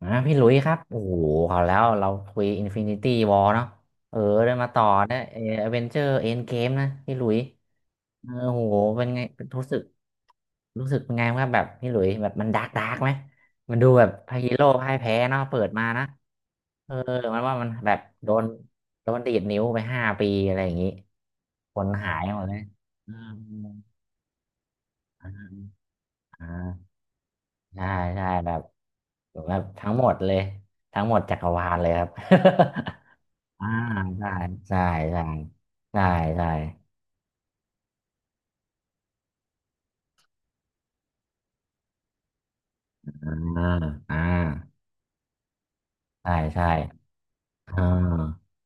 อ่าพี่หลุยส์ครับโอ้โหเขาแล้วเราคุยอินฟินิตี้ r อลเนาะเออได้มาต่อนะเอเวนเจอร์เอ็นเกมนะ พี่หลุยส์เออโหเป็นไงรู้สึก รู้สึกเป็นไงครับแบบพี่หลุยส์แบบมันดาร์กดาร์กไหม มันดูแบบพระฮีโร่พ่ายแพ้เนาะเปิดมานะ เออ มันว่ามันแบบโดนดีดนิ้วไป5 ปีอะไรอย่างนี้ คนหายหมดเลยอืมอ่า ใช่ใช่แบบทั้งหมดเลยทั้งหมดจักรวาลเลยครับ อ่าใช่ใช่ใช่ใช่ใช่อ่าอ่าใช่ใช่อ่า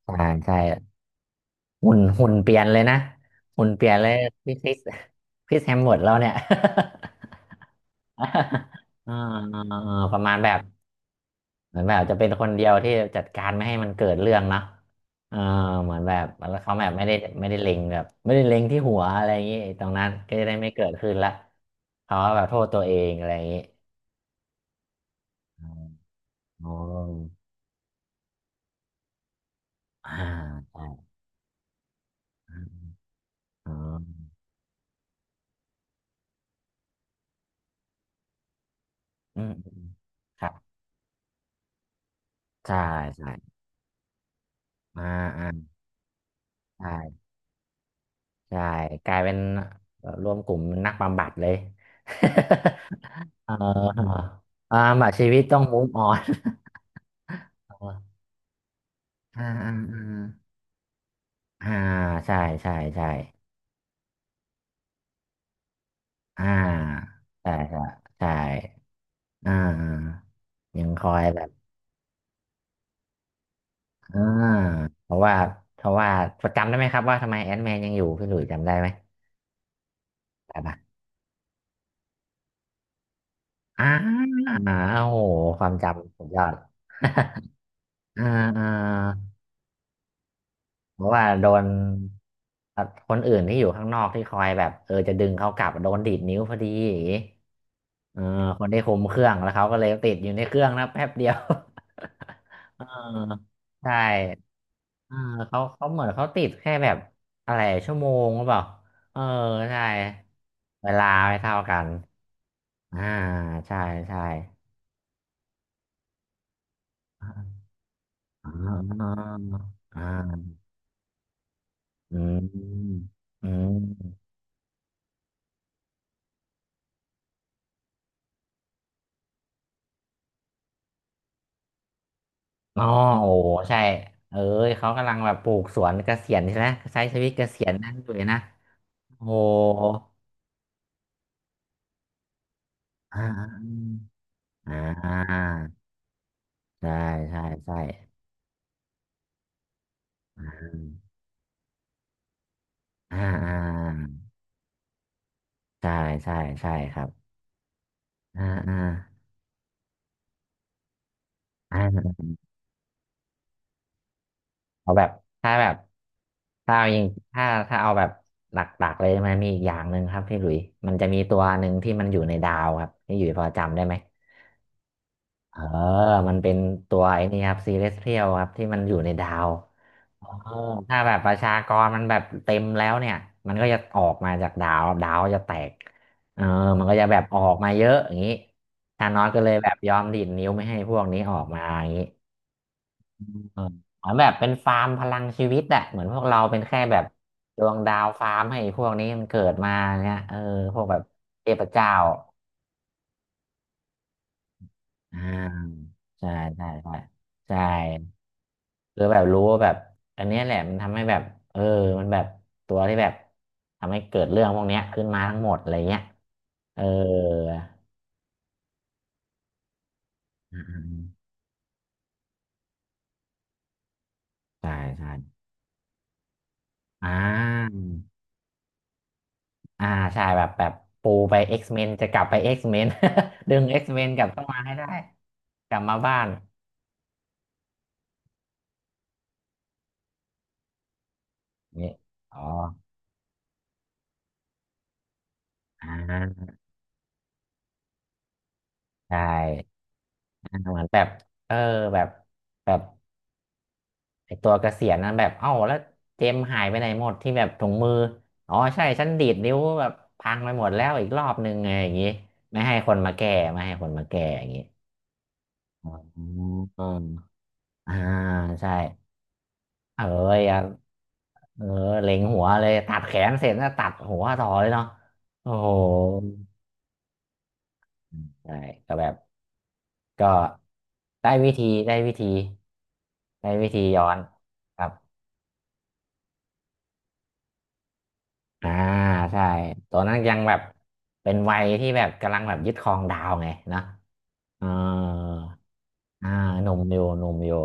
ใช่ใช่หุ่นเปลี่ยนเลยนะหุ่นเปลี่ยนเลยพี่คริสคริสแฮมเวิร์ดเราเนี่ย อ่าอ่าอ่าประมาณแบบ เหมือนแบบจะเป็นคนเดียวที่จัดการไม่ให้มันเกิดเรื่องเนาะเออเหมือนแบบแล้วเขาแบบไม่ได้ไม่ได้เล็งแบบไม่ได้เล็งที่หัวอะไรอย่างงี้ไอ้ตรงนั้นก็จะได้ไม่เกิดขึ้นละเขาก็แบบโทษตัวเองอะไรอย่างงี้อ๋ออ่าใช่อ๋ออืมอืมครับใช่ใช่อ่าอ่าใช่ใช่กลายเป็นแบบรวมกลุ่มนักบำบัดเลย เอออ่าแบบชีวิตต้องมุมออนอ่าอ่าอ่า อ่าใช่ใช่ใช่อ่าใช่ใช่ใช่อ่ายังคอยแบบอ่าเพราะว่าเพราะว่าจำได้ไหมครับว่าทำไมแอนแมนยังอยู่พี่หลุยส์จำได้ไหมได้ปะอ่าโอ้โหความจำสุดยอด อ่าอ่า เพราะว่าโดนอ่ะคนอื่นที่อยู่ข้างนอกที่คอยแบบเออจะดึงเขากลับโดนดีดนิ้วพอดีอย่างงี้เออคนที่คุมเครื่องแล้วเขาก็เลยติดอยู่ในเครื่องนะแป๊บเดียว เออใช่เออเขาเหมือนเขาติดแค่แบบอะไรชั่วโมงหรือเปล่าเออใช่เวลาไม่เท่ากันอ่าใช่ใช่ อ่าอ่าอาอืมอืม อ๋อโอ้ใช่เอ้ยเขากำลังแบบปลูกสวนเกษียณใช่ไหมใช้ชีวิตเกษียณนั่นอยู่เลยนะโอ้อ่าอ่าอ่าใช่ใช่ใช่อืมอ่าอ่าใช่ใช่ใช่ครับอ่าอ่าอ่าเอาแบบถ้าแบบถ้าเอายิงถ้าเอาแบบหลักๆเลยมันมีอีกอย่างหนึ่งครับพี่หลุยมันจะมีตัวหนึ่งที่มันอยู่ในดาวครับพี่หลุยพอจำได้ไหมเออมันเป็นตัวไอ้นี่ครับซีเ e สเทียลครับที่มันอยู่ในดาว เออถ้าแบบประชากรมันแบบเต็มแล้วเนี่ยมันก็จะออกมาจากดาวดาวจะแตกเออมันก็จะแบบออกมาเยอะอย่างนี้ธานอสก็เลยแบบยอมดีดนิ้วไม่ให้พวกนี้ออกมาอย่างนี้เออเหมือนแบบเป็นฟาร์มพลังชีวิตอะเหมือนพวกเราเป็นแค่แบบดวงดาวฟาร์มให้พวกนี้มันเกิดมาเนี่ยเออพวกแบบเทพเจ้าอ่าใช่ใช่ใช่ใช่ คือแบบรู้ว่าแบบอันเนี้ยแหละมันทำให้แบบเออมันแบบตัวที่แบบทำให้เกิดเรื่องพวกเนี้ยขึ้นมาทั้งหมดอะไรเงี้ยเอออืมๆๆใช่ใช่อ่าอ่าใช่แบบปูไป X-Men จะกลับไป X-Men ดึง X-Men กลับเข้ามาให้ได้กลับมาบ้านนี่อ๋ออ่าใช่อ่าเหมือนแบบเออแบบแบบ ไอตัวเกษียณนั้นแบบเอ้าแล้วเจมส์หายไปไหนหมดที่แบบถุงมืออ๋อใช่ฉันดีดนิ้วแบบพังไปหมดแล้วอีกรอบนึงไงอย่างงี้ไม่ให้คนมาแก้ไม่ให้คนมาแก้อย่างงี้อ๋ออ่าใช่เอ้ยอ่ะเออเล็งหัวเลยตัดแขนเสร็จแล้วตัดหัวต่อเลยเนาะโอ้โหใช่ก็แบบก็ได้วิธีได้วิธีย้อนครับ อ่าใช่ตัวนั้นยังแบบเป็นวัยที่แบบกำลังแบบยึดครองดาวไงเนอะเอออ่าหนุ่มอยู่หนุ่มอยู่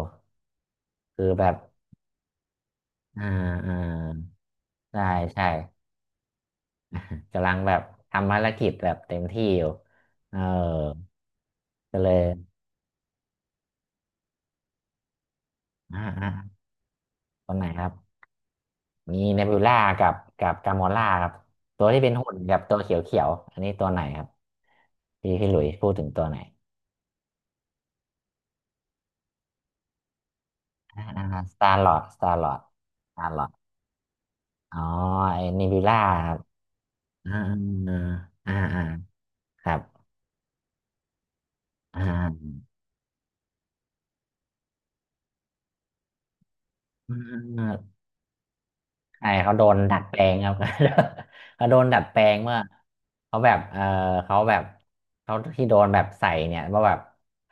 คือแบบอ่าอ่าใช่ใช่กำลังแบบทำภารกิจแบบเต็มที่อยู่เออก็เลยอ่าอ่าคนไหนครับมีเนบิวล่ากับกามอล่าครับตัวที่เป็นหุ่นกับตัวเขียวๆอันนี้ตัวไหนครับพี่หลุยส์พูดถึงตัวไหนอ่าสตาร์ลอร์ดสตาร์ลอร์ดสตาร์ลอ อ๋อไอ้เนบิวล่าครับอ่าอ่าอ่าครับอ่าอ่าใช่เขาโดนดัดแปลงครับ เขาโดนดัดแปลงเมื่อเขาแบบเออเขาแบบเขาที่โดนแบบใส่เนี่ยว่าแบบ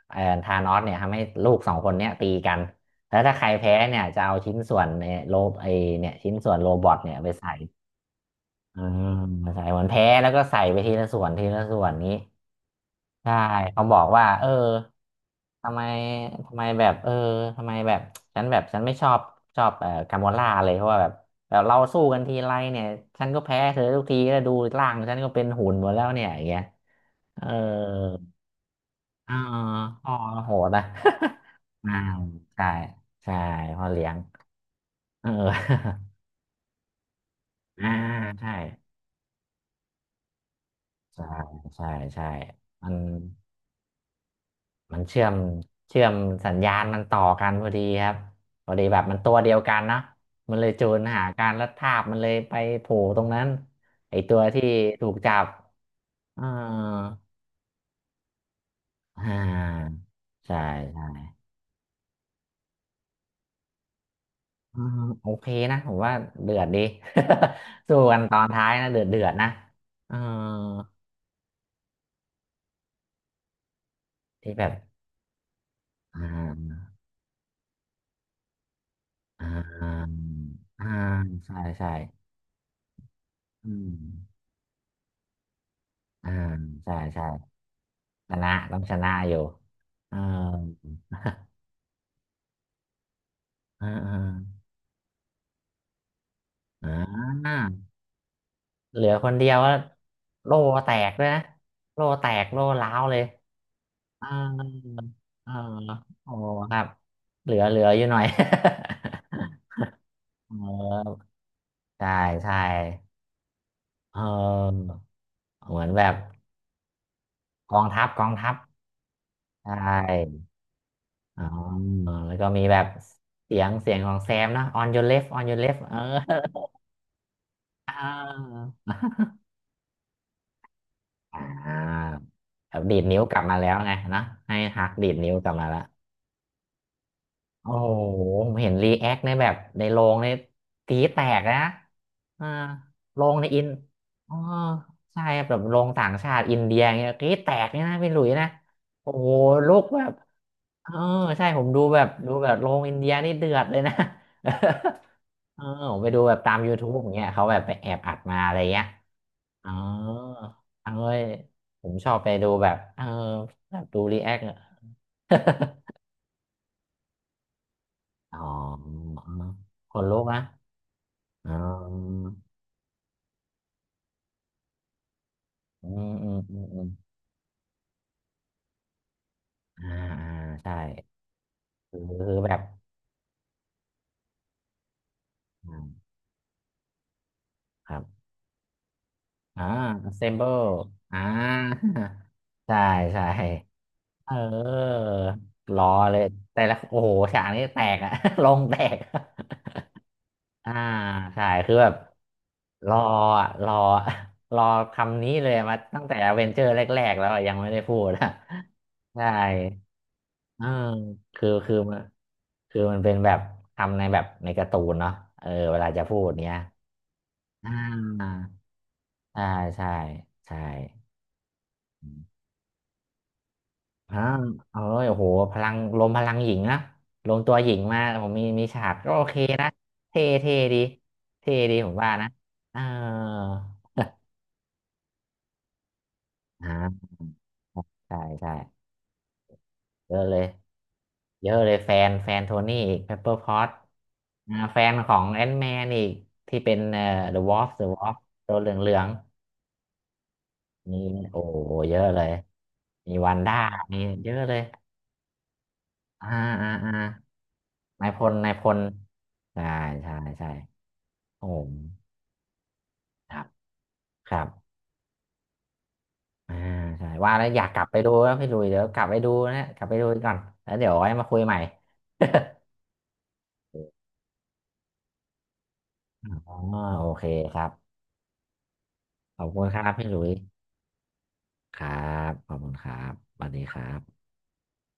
เออธานอสเนี่ยทำให้ลูก2 คนเนี่ยตีกันแล้วถ้าใครแพ้เนี่ยจะเอาชิ้นส่วนในโรบไอเนี่ยชิ้นส่วนโรบอทเนี่ยไปใส่อืมใส่เหมือนแพ้แล้วก็ใส่ไปทีละส่วนทีละส่วนนี้ ใช่เขาบอกว่าทำไมทำไมแบบเออทำไมแบบฉันไม่ชอบชอบกาโมล่าเลยเพราะว่าแบบเราสู้กันทีไรเนี่ยฉันก็แพ้เธอทุกทีแล้วดูร่างฉันก็เป็นหุ่นหมดแล้วเนี่ยอย่างเงี้ยเอออ๋อพ่อโหดนะ อาวใช่ใช่พ่อเลี้ยงเออ อ่าใช่ใช่ใช่ใช่มัน มันเชื่อมเชื่อมสัญญาณมันต่อกันพอดีครับพอดีแบบมันตัวเดียวกันเนอะมันเลยจูนหาการแล้วทาบมันเลยไปโผล่ตรงนั้นไอตัวที่ถูกจับอ่าอ่าใช่ใช่อ่าโอเคนะผมว่าเดือดดี สู้กันตอนท้ายนะเดือดเดือดนะเอ่าที่แบบอ่าอ่าอ่าใช่ใช่อืมอ่าใช่ใช่ ชนะต้องชนะอยู่เออเอ อเอออ่าเหลือคนเดียวก็โล่แตกด้วยนะโล่แตกโล่ร้าวเลยเออเออโอ้ครับเหลือเหลืออยู่หน่อย เออใช่ใช่เออเหมือนแบบกองทัพกองทัพใช่อ๋อแล้วก็มีแบบเสียงเสียงของแซมนะ on your left on your left เออ อ่า อ่าแบบดีดนิ้วกลับมาแล้วไงนะให้ฮักดีดนิ้วกลับมาแล้วโอ้โหผมเห็นรีแอคในแบบในโรงในตีแตกนะอ่าโรงในอินอ๋อใช่ครับแบบโรงต่างชาติอินเดียเงี้ยตีแตกเนี่ยนะพี่หลุยนะโอ้โหลุกแบบเออใช่ผมดูแบบดูแบบโรงอินเดียนี่เดือดเลยนะ เออผมไปดูแบบตาม YouTube อย่างเงี้ยเขาแบบไปแอบอัดมาอะไรเงี้ยอ๋อเอ้ยผมชอบไปดูแบบแบบดูรีแอค อ๋อคนลุกนะอ๋ออืมอืมอืมอืมอ่าอ่าใช่คือคือแบบอ่าครับอ่า assemble อ่า ใช่ใช่เออรอเลยแต่ละโอ้โหฉากนี้แตกอะ ลงแตก อ่าใช่คือแบบรออะรอ รอคำนี้เลยมาตั้งแต่อเวนเจอร์แรกๆแล้วอะยังไม่ได้พูดอะ ใช่เออคือคือมันคือมันเป็นแบบคำในแบบในการ์ตูนเนาะเออเวลาจะพูดเนี้ยอ่าใช่ใช่ใช่อืมอาวเอาเลยโอ้โหพลังลมพลังหญิงนะลมตัวหญิงมาผมมีมีฉากก็โอเคนะเท่เท่ดีเท่ดีผมว่านะเออ อ่าใช่ใช่เยอะเลย เยอะเลยแฟนโทนี่อีกเพปเปอร์พอตอ่าแฟนของแอนแมนอีกที่เป็นเดอะวอล์ฟเดอะวอล์ฟตัวเหลืองๆนี่โอ้โหเยอะเลย มีวันด้ามีเยอะเลยอ่าอ่าอ่านายพลนายพล ใช่ใช่ใช่โอ้โหครับครับอ่าใช่ว่าแล้วอยากกลับไปดูแล้วพี่ลุยเดี๋ยวกลับไปดูนะกลับไปดูก่อนแล้วเดี๋ยวไว้มาคุยใหม่ อ๋อโอเคครับ ขอบคุณครับพี่หลุยส์ครับขอบคุณครับสวัสดีครับ